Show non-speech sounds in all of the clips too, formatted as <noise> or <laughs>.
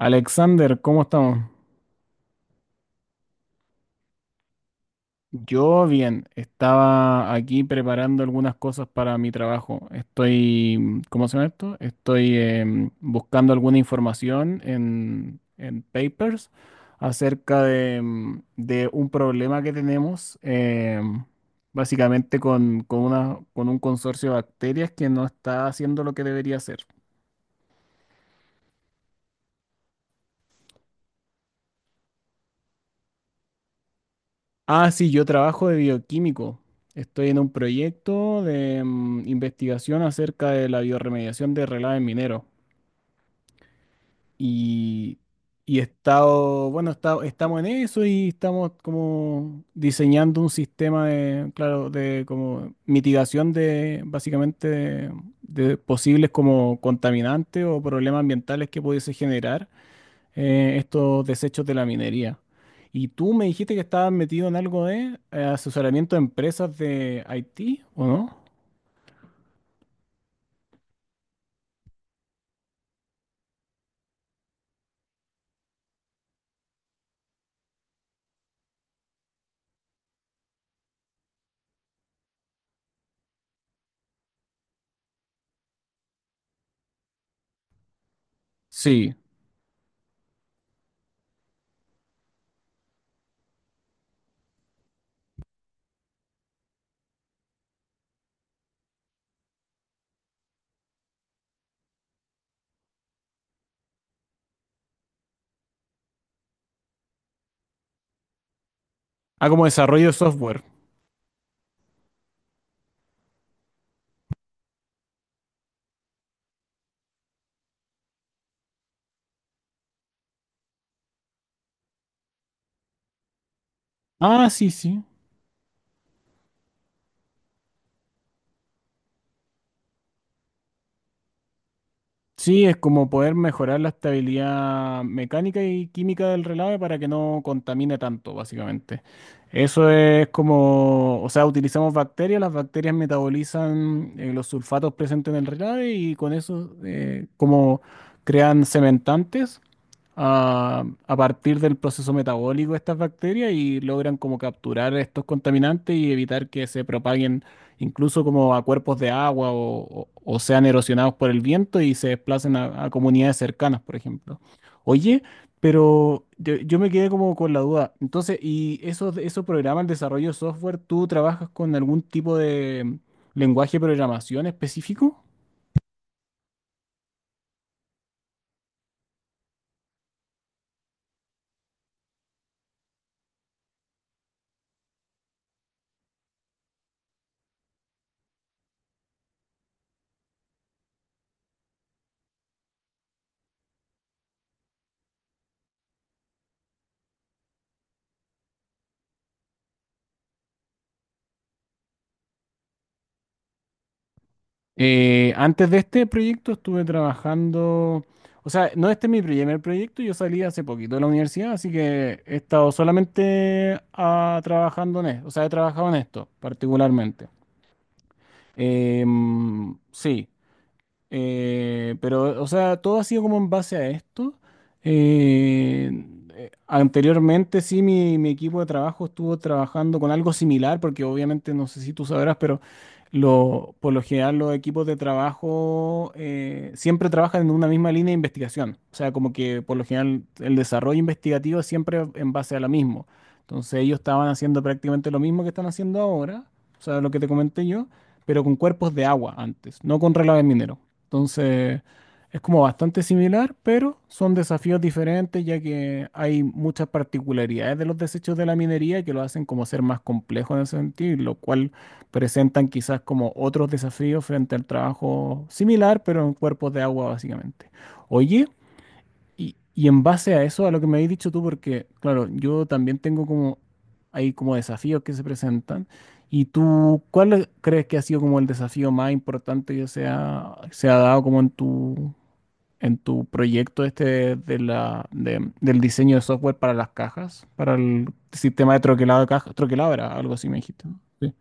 Alexander, ¿cómo estamos? Yo bien, estaba aquí preparando algunas cosas para mi trabajo. Estoy, ¿cómo se llama esto? Estoy buscando alguna información en papers acerca de, de un problema que tenemos, básicamente con un consorcio de bacterias que no está haciendo lo que debería hacer. Ah, sí, yo trabajo de bioquímico. Estoy en un proyecto de investigación acerca de la bioremediación de relaves mineros. Y, y he estado, bueno, estamos en eso y estamos como diseñando un sistema de, claro, de como mitigación de básicamente de posibles como contaminantes o problemas ambientales que pudiese generar estos desechos de la minería. Y tú me dijiste que estabas metido en algo de asesoramiento de empresas de IT, ¿o no? Sí. Ah, como desarrollo de software. Ah, sí, sí. Sí, es como poder mejorar la estabilidad mecánica y química del relave para que no contamine tanto, básicamente. Eso es como, o sea, utilizamos bacterias, las bacterias metabolizan los sulfatos presentes en el relave y con eso como crean cementantes a partir del proceso metabólico de estas bacterias y logran como capturar estos contaminantes y evitar que se propaguen incluso como a cuerpos de agua o sean erosionados por el viento y se desplacen a comunidades cercanas, por ejemplo. Oye, pero yo me quedé como con la duda. Entonces, ¿y esos programas, el desarrollo de software, tú trabajas con algún tipo de lenguaje de programación específico? Antes de este proyecto estuve trabajando, o sea, no este es mi primer proyecto, yo salí hace poquito de la universidad, así que he estado solamente ah, trabajando en esto, o sea, he trabajado en esto particularmente. Em, sí, pero, o sea, todo ha sido como en base a esto. Eh, Anteriormente, sí, mi equipo de trabajo estuvo trabajando con algo similar, porque obviamente no sé si tú sabrás, pero por lo general los equipos de trabajo siempre trabajan en una misma línea de investigación. O sea, como que por lo general el desarrollo investigativo es siempre en base a lo mismo. Entonces ellos estaban haciendo prácticamente lo mismo que están haciendo ahora, o sea, lo que te comenté yo, pero con cuerpos de agua antes, no con relaves mineros. Entonces, es como bastante similar, pero son desafíos diferentes, ya que hay muchas particularidades de los desechos de la minería que lo hacen como ser más complejo en ese sentido, y lo cual presentan quizás como otros desafíos frente al trabajo similar, pero en cuerpos de agua, básicamente. Oye, y en base a eso, a lo que me habéis dicho tú, porque claro, yo también tengo como, hay como desafíos que se presentan. ¿Crees que ha sido como el desafío más importante que se ha dado como en tu proyecto este de la, de- del diseño de software para las cajas, para el sistema de troquelado de cajas? Troquelado era algo así, me dijiste, ¿no? Sí.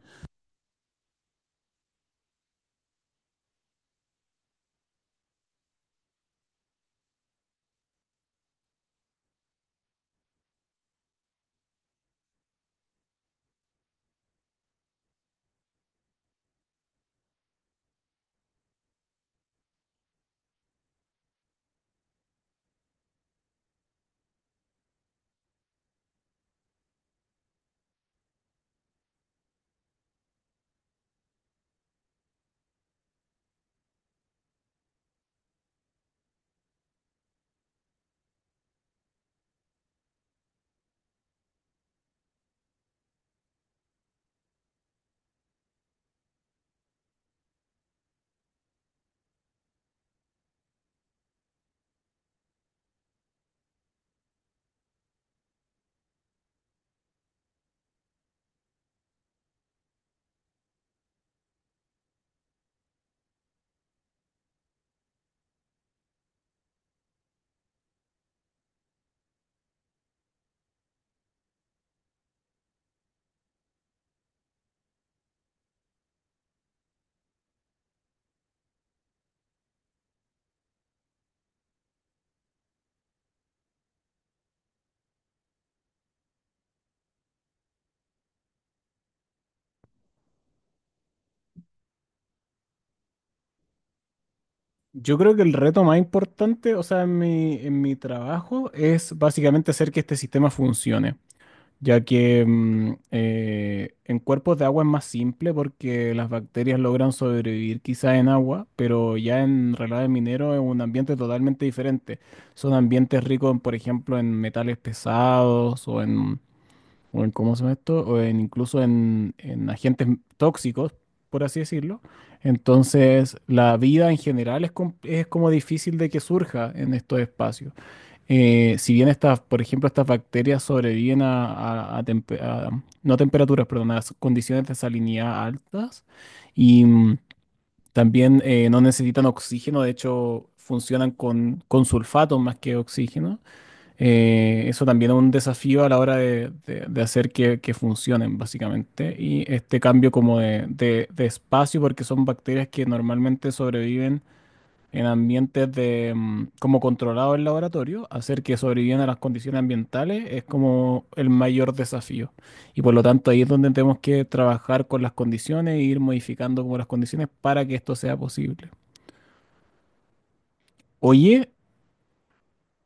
Yo creo que el reto más importante, o sea, en mi trabajo es básicamente hacer que este sistema funcione. Ya que en cuerpos de agua es más simple porque las bacterias logran sobrevivir quizás en agua, pero ya en relaves mineros es un ambiente totalmente diferente. Son ambientes ricos, en, por ejemplo, en metales pesados o en ¿cómo se llama esto? O en incluso en tóxicos, por así decirlo. Entonces, la vida en general es, es como difícil de que surja en estos espacios. Si bien estas, por ejemplo, estas bacterias sobreviven no a temperaturas, perdón, a condiciones de salinidad altas y también no necesitan oxígeno, de hecho funcionan con sulfato más que oxígeno. Eso también es un desafío a la hora de hacer que funcionen, básicamente. Y este cambio como de espacio, porque son bacterias que normalmente sobreviven en ambientes de como controlado el laboratorio, hacer que sobrevivan a las condiciones ambientales es como el mayor desafío. Y por lo tanto ahí es donde tenemos que trabajar con las condiciones e ir modificando como las condiciones para que esto sea posible. Oye,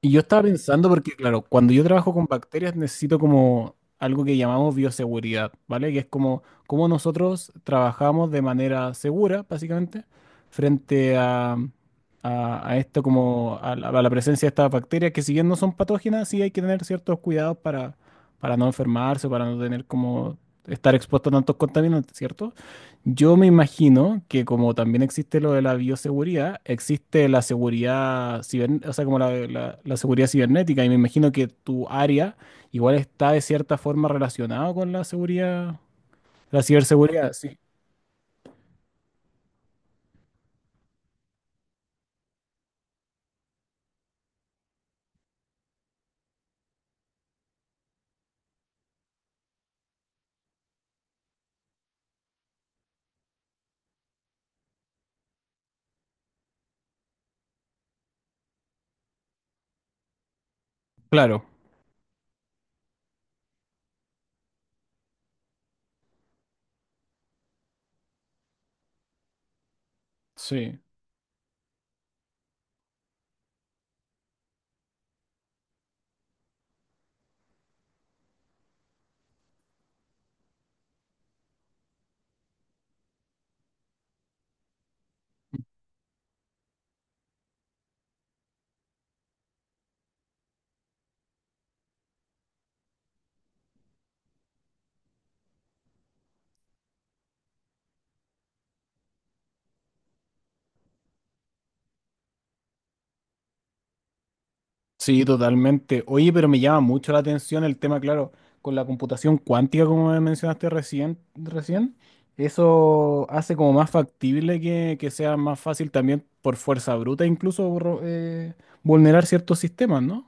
y yo estaba pensando porque, claro, cuando yo trabajo con bacterias necesito como algo que llamamos bioseguridad, ¿vale? Que es como cómo nosotros trabajamos de manera segura, básicamente, frente a, a esto como a la presencia de estas bacterias que si bien no son patógenas, sí hay que tener ciertos cuidados para no enfermarse, para no tener como estar expuesto a tantos contaminantes, ¿cierto? Yo me imagino que como también existe lo de la bioseguridad, existe la seguridad, o sea, como la, la seguridad cibernética, y me imagino que tu área igual está de cierta forma relacionada con la seguridad, la ciberseguridad, sí. Claro, sí. Sí, totalmente. Oye, pero me llama mucho la atención el tema, claro, con la computación cuántica, como me mencionaste recién. Eso hace como más factible que sea más fácil también por fuerza bruta, incluso vulnerar ciertos sistemas, ¿no?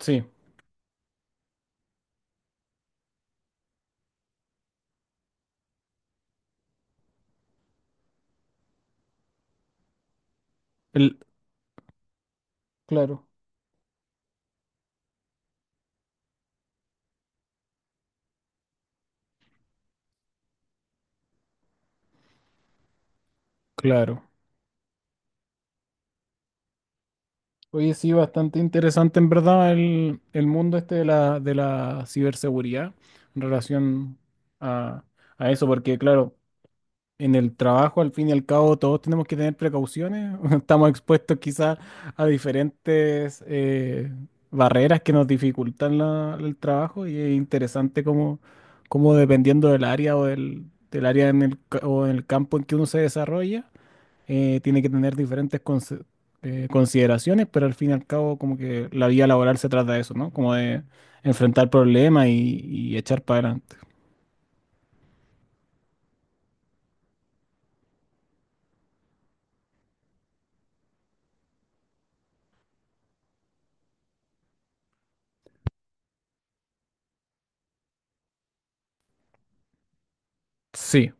Sí, el, claro, claro. Oye, sí, bastante interesante en verdad el mundo este de la ciberseguridad en relación a, a eso, porque claro, en el trabajo, al fin y al cabo, todos tenemos que tener precauciones. <laughs> Estamos expuestos quizás a diferentes barreras que nos dificultan el trabajo y es interesante como, como dependiendo del área o del, del área en el, o en el campo en que uno se desarrolla, tiene que tener diferentes consideraciones, pero al fin y al cabo como que la vida laboral se trata de eso, ¿no? Como de enfrentar problemas y echar para adelante. Sí.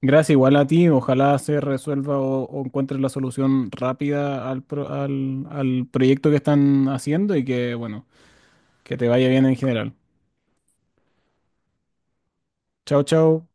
Gracias igual a ti. Ojalá se resuelva o encuentres la solución rápida al proyecto que están haciendo y que, bueno, que te vaya bien en general. Chao, chao.